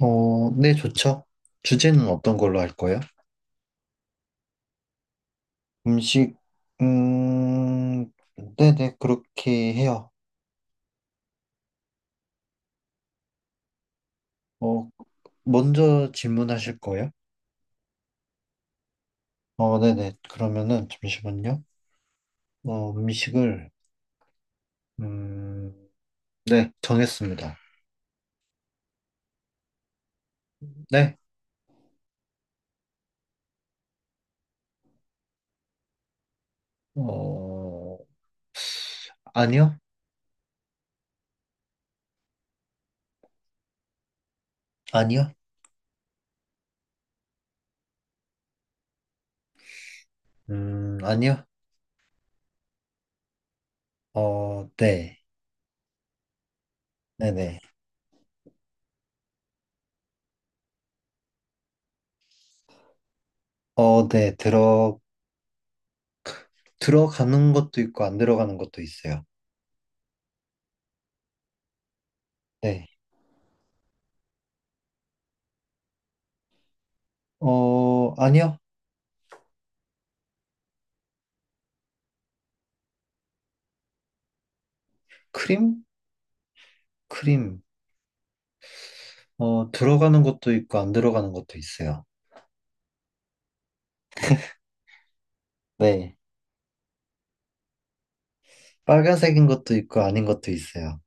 어, 네, 좋죠. 주제는 어떤 걸로 할 거예요? 음식, 음, 네네, 그렇게 해요. 어, 먼저 질문하실 거예요? 어, 네네, 그러면은, 잠시만요. 어, 음식을, 음, 네, 정했습니다. 네, 어, 아니요? 아니요? 아니요? 어, 네, 네네. 어, 네, 들어가는 것도 있고, 안 들어가는 것도 있어요. 네, 어, 아니요? 크림? 크림, 어, 들어가는 것도 있고 안 들어가는 것도 있어요. 네, 빨간색인 것도 있고 아닌 것도 있어요.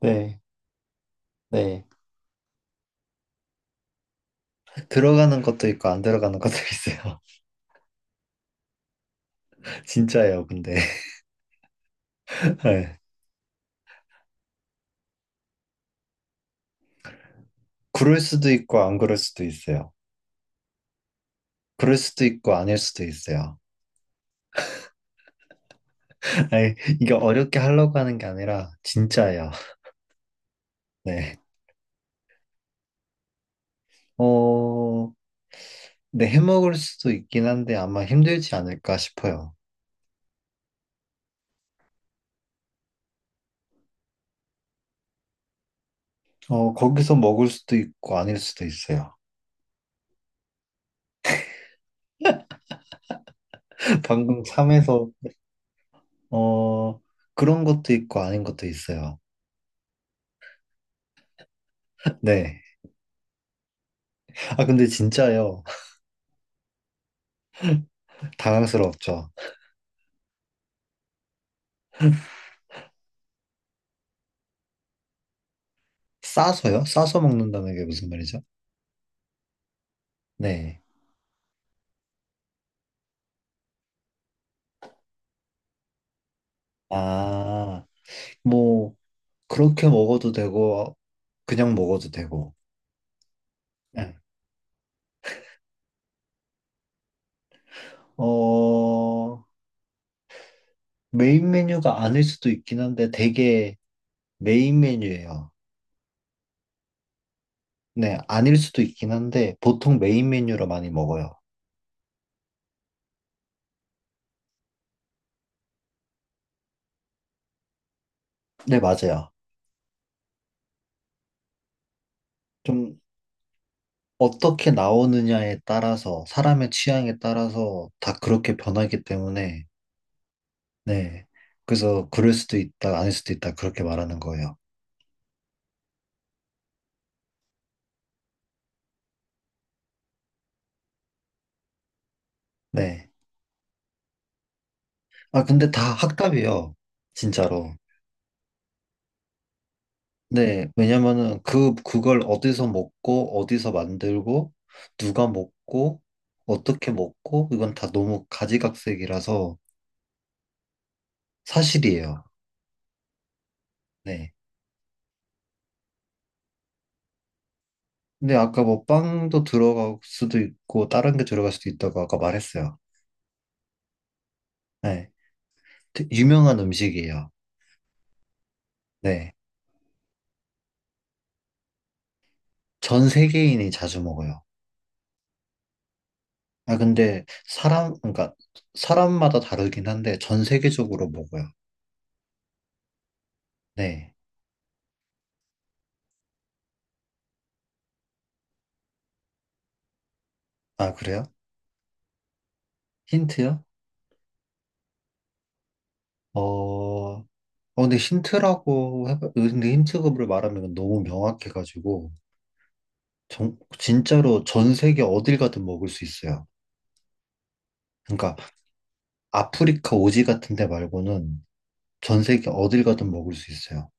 네, 네. 들어가는 것도 있고 안 들어가는 것도 있어요. 진짜예요, 근데. 네. 그럴 수도 있고 안 그럴 수도 있어요. 그럴 수도 있고 아닐 수도 있어요. 아니, 이게 어렵게 하려고 하는 게 아니라 진짜예요. 네. 어, 네, 해먹을 수도 있긴 한데 아마 힘들지 않을까 싶어요. 어, 거기서 먹을 수도 있고 아닐 수도 있어요. 방금 참에서 어, 그런 것도 있고 아닌 것도 있어요. 네. 아, 근데 진짜요. 당황스럽죠. 싸서요? 싸서 먹는다는 게 무슨 말이죠? 네. 아, 뭐, 그렇게 먹어도 되고, 그냥 먹어도 되고. 네. 어, 메인 메뉴가 아닐 수도 있긴 한데, 되게 메인 메뉴예요. 네, 아닐 수도 있긴 한데, 보통 메인 메뉴로 많이 먹어요. 네, 맞아요. 좀 어떻게 나오느냐에 따라서, 사람의 취향에 따라서 다 그렇게 변하기 때문에, 네. 그래서 그럴 수도 있다, 아닐 수도 있다, 그렇게 말하는 거예요. 네. 아, 근데 다 학답이에요. 진짜로. 네. 왜냐면은 그, 그걸 어디서 먹고, 어디서 만들고, 누가 먹고, 어떻게 먹고, 이건 다 너무 가지각색이라서 사실이에요. 네. 근데 아까 뭐 빵도 들어갈 수도 있고, 다른 게 들어갈 수도 있다고 아까 말했어요. 네. 유명한 음식이에요. 네. 전 세계인이 자주 먹어요. 아, 근데 사람, 그러니까 사람마다 다르긴 한데 전 세계적으로 먹어요. 네. 아, 그래요? 힌트요? 어, 어, 근데 힌트라고 해봐, 근데 힌트급을 말하면 너무 명확해가지고, 정, 진짜로 전 세계 어딜 가든 먹을 수 있어요. 그러니까 아프리카 오지 같은 데 말고는 전 세계 어딜 가든 먹을 수 있어요.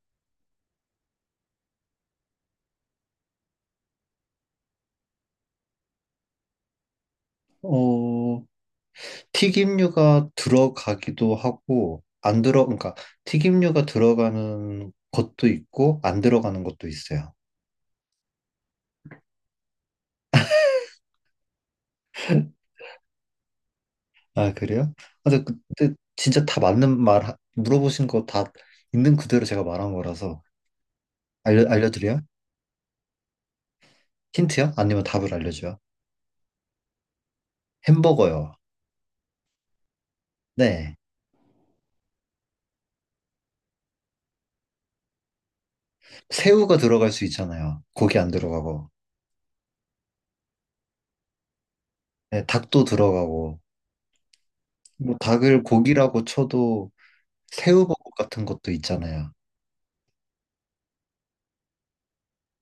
어, 튀김류가 들어가기도 하고, 안 들어, 그러니까 튀김류가 들어가는 것도 있고, 안 들어가는 것도 있어요. 아, 그래요? 아, 근데 그때 진짜 다 맞는 말, 물어보신 거 다 있는 그대로 제가 말한 거라서. 알려드려요? 힌트요? 아니면 답을 알려줘요? 햄버거요. 네. 새우가 들어갈 수 있잖아요. 고기 안 들어가고. 네, 닭도 들어가고. 뭐 닭을 고기라고 쳐도 새우버거 같은 것도 있잖아요.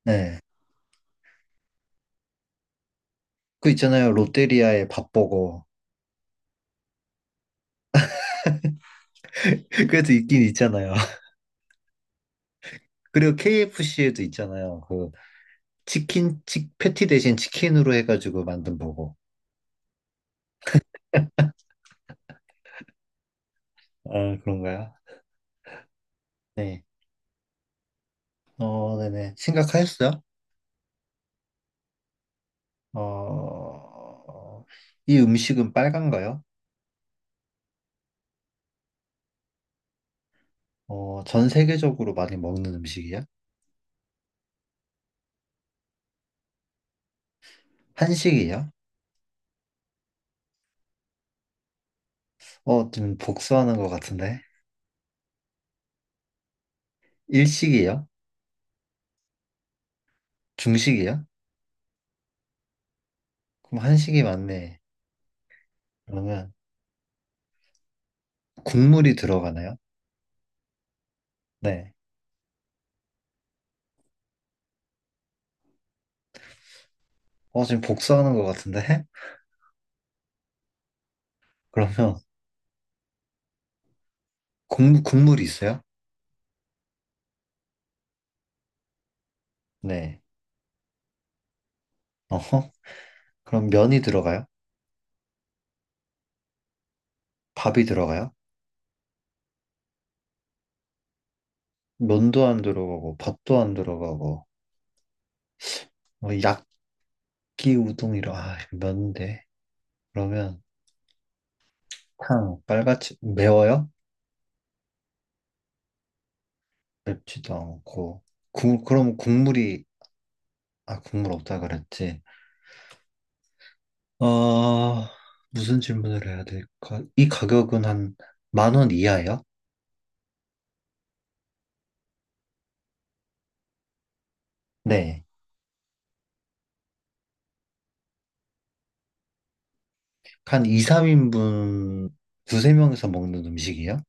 네. 그 있잖아요. 롯데리아의 밥버거. 그래도 있긴 있잖아요. 그리고 KFC에도 있잖아요. 그 치킨, 패티 대신 치킨으로 해가지고 만든 버거. 아, 그런가요? 네. 어, 네네. 심각하였어요? 어, 이 음식은 빨간가요? 어, 전 세계적으로 많이 먹는 음식이야? 한식이야? 어, 지금 복수하는 것 같은데. 일식이야? 중식이야? 그럼 한식이 맞네. 그러면 국물이 들어가나요? 네. 어, 지금 복수하는 것 같은데? 그러면 국물이 있어요? 네. 어허. 그럼 면이 들어가요? 밥이 들어가요? 면도 안 들어가고, 밥도 안 들어가고, 뭐 약기 우동이라, 아, 이거 면인데. 그러면 탕, 빨갛지, 매워요? 맵지도 않고. 그럼 국물이, 아, 국물 없다 그랬지. 어, 무슨 질문을 해야 될까? 이 가격은 한 만 원 이하예요? 네. 한 2, 3인분 두세 명이서 먹는 음식이요?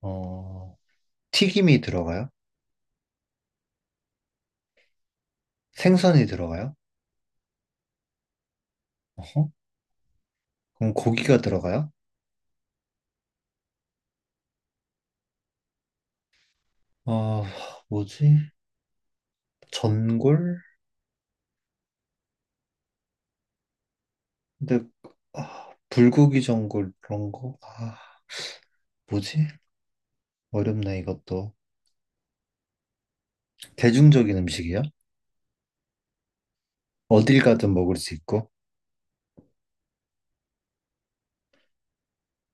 어, 튀김이 들어가요? 생선이 들어가요? 어허? 그럼 고기가 들어가요? 어, 뭐지? 전골? 근데, 아, 불고기 전골 그런 거? 아, 뭐지? 어렵네, 이것도. 대중적인 음식이야? 어딜 가든 먹을 수 있고?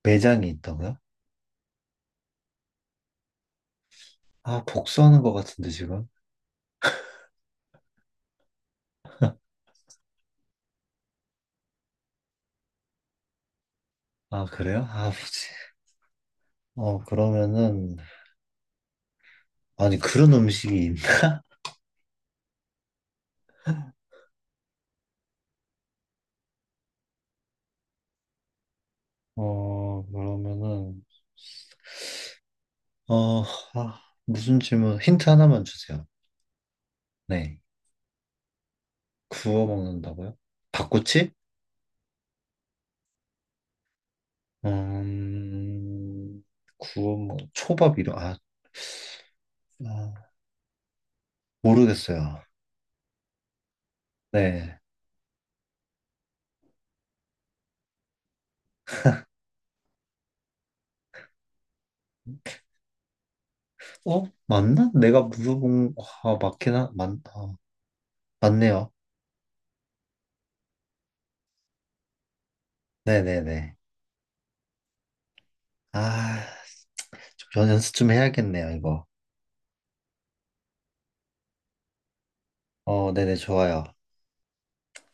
매장이 있다고요? 아, 복수하는 것 같은데, 지금? 아, 그래요? 아, 뭐지? 어, 그러면은, 아니, 그런 음식이 있나? 어, 그러면은, 어, 무슨 질문, 힌트 하나만 주세요. 네. 구워 먹는다고요? 닭꼬치? 음, 초밥 이런, 아, 모르겠어요. 네. 어? 맞나? 내가 물어본, 아, 맞긴, 맞네요. 네네네. 아, 좀 연습 좀 해야겠네요, 이거. 어, 네네, 좋아요.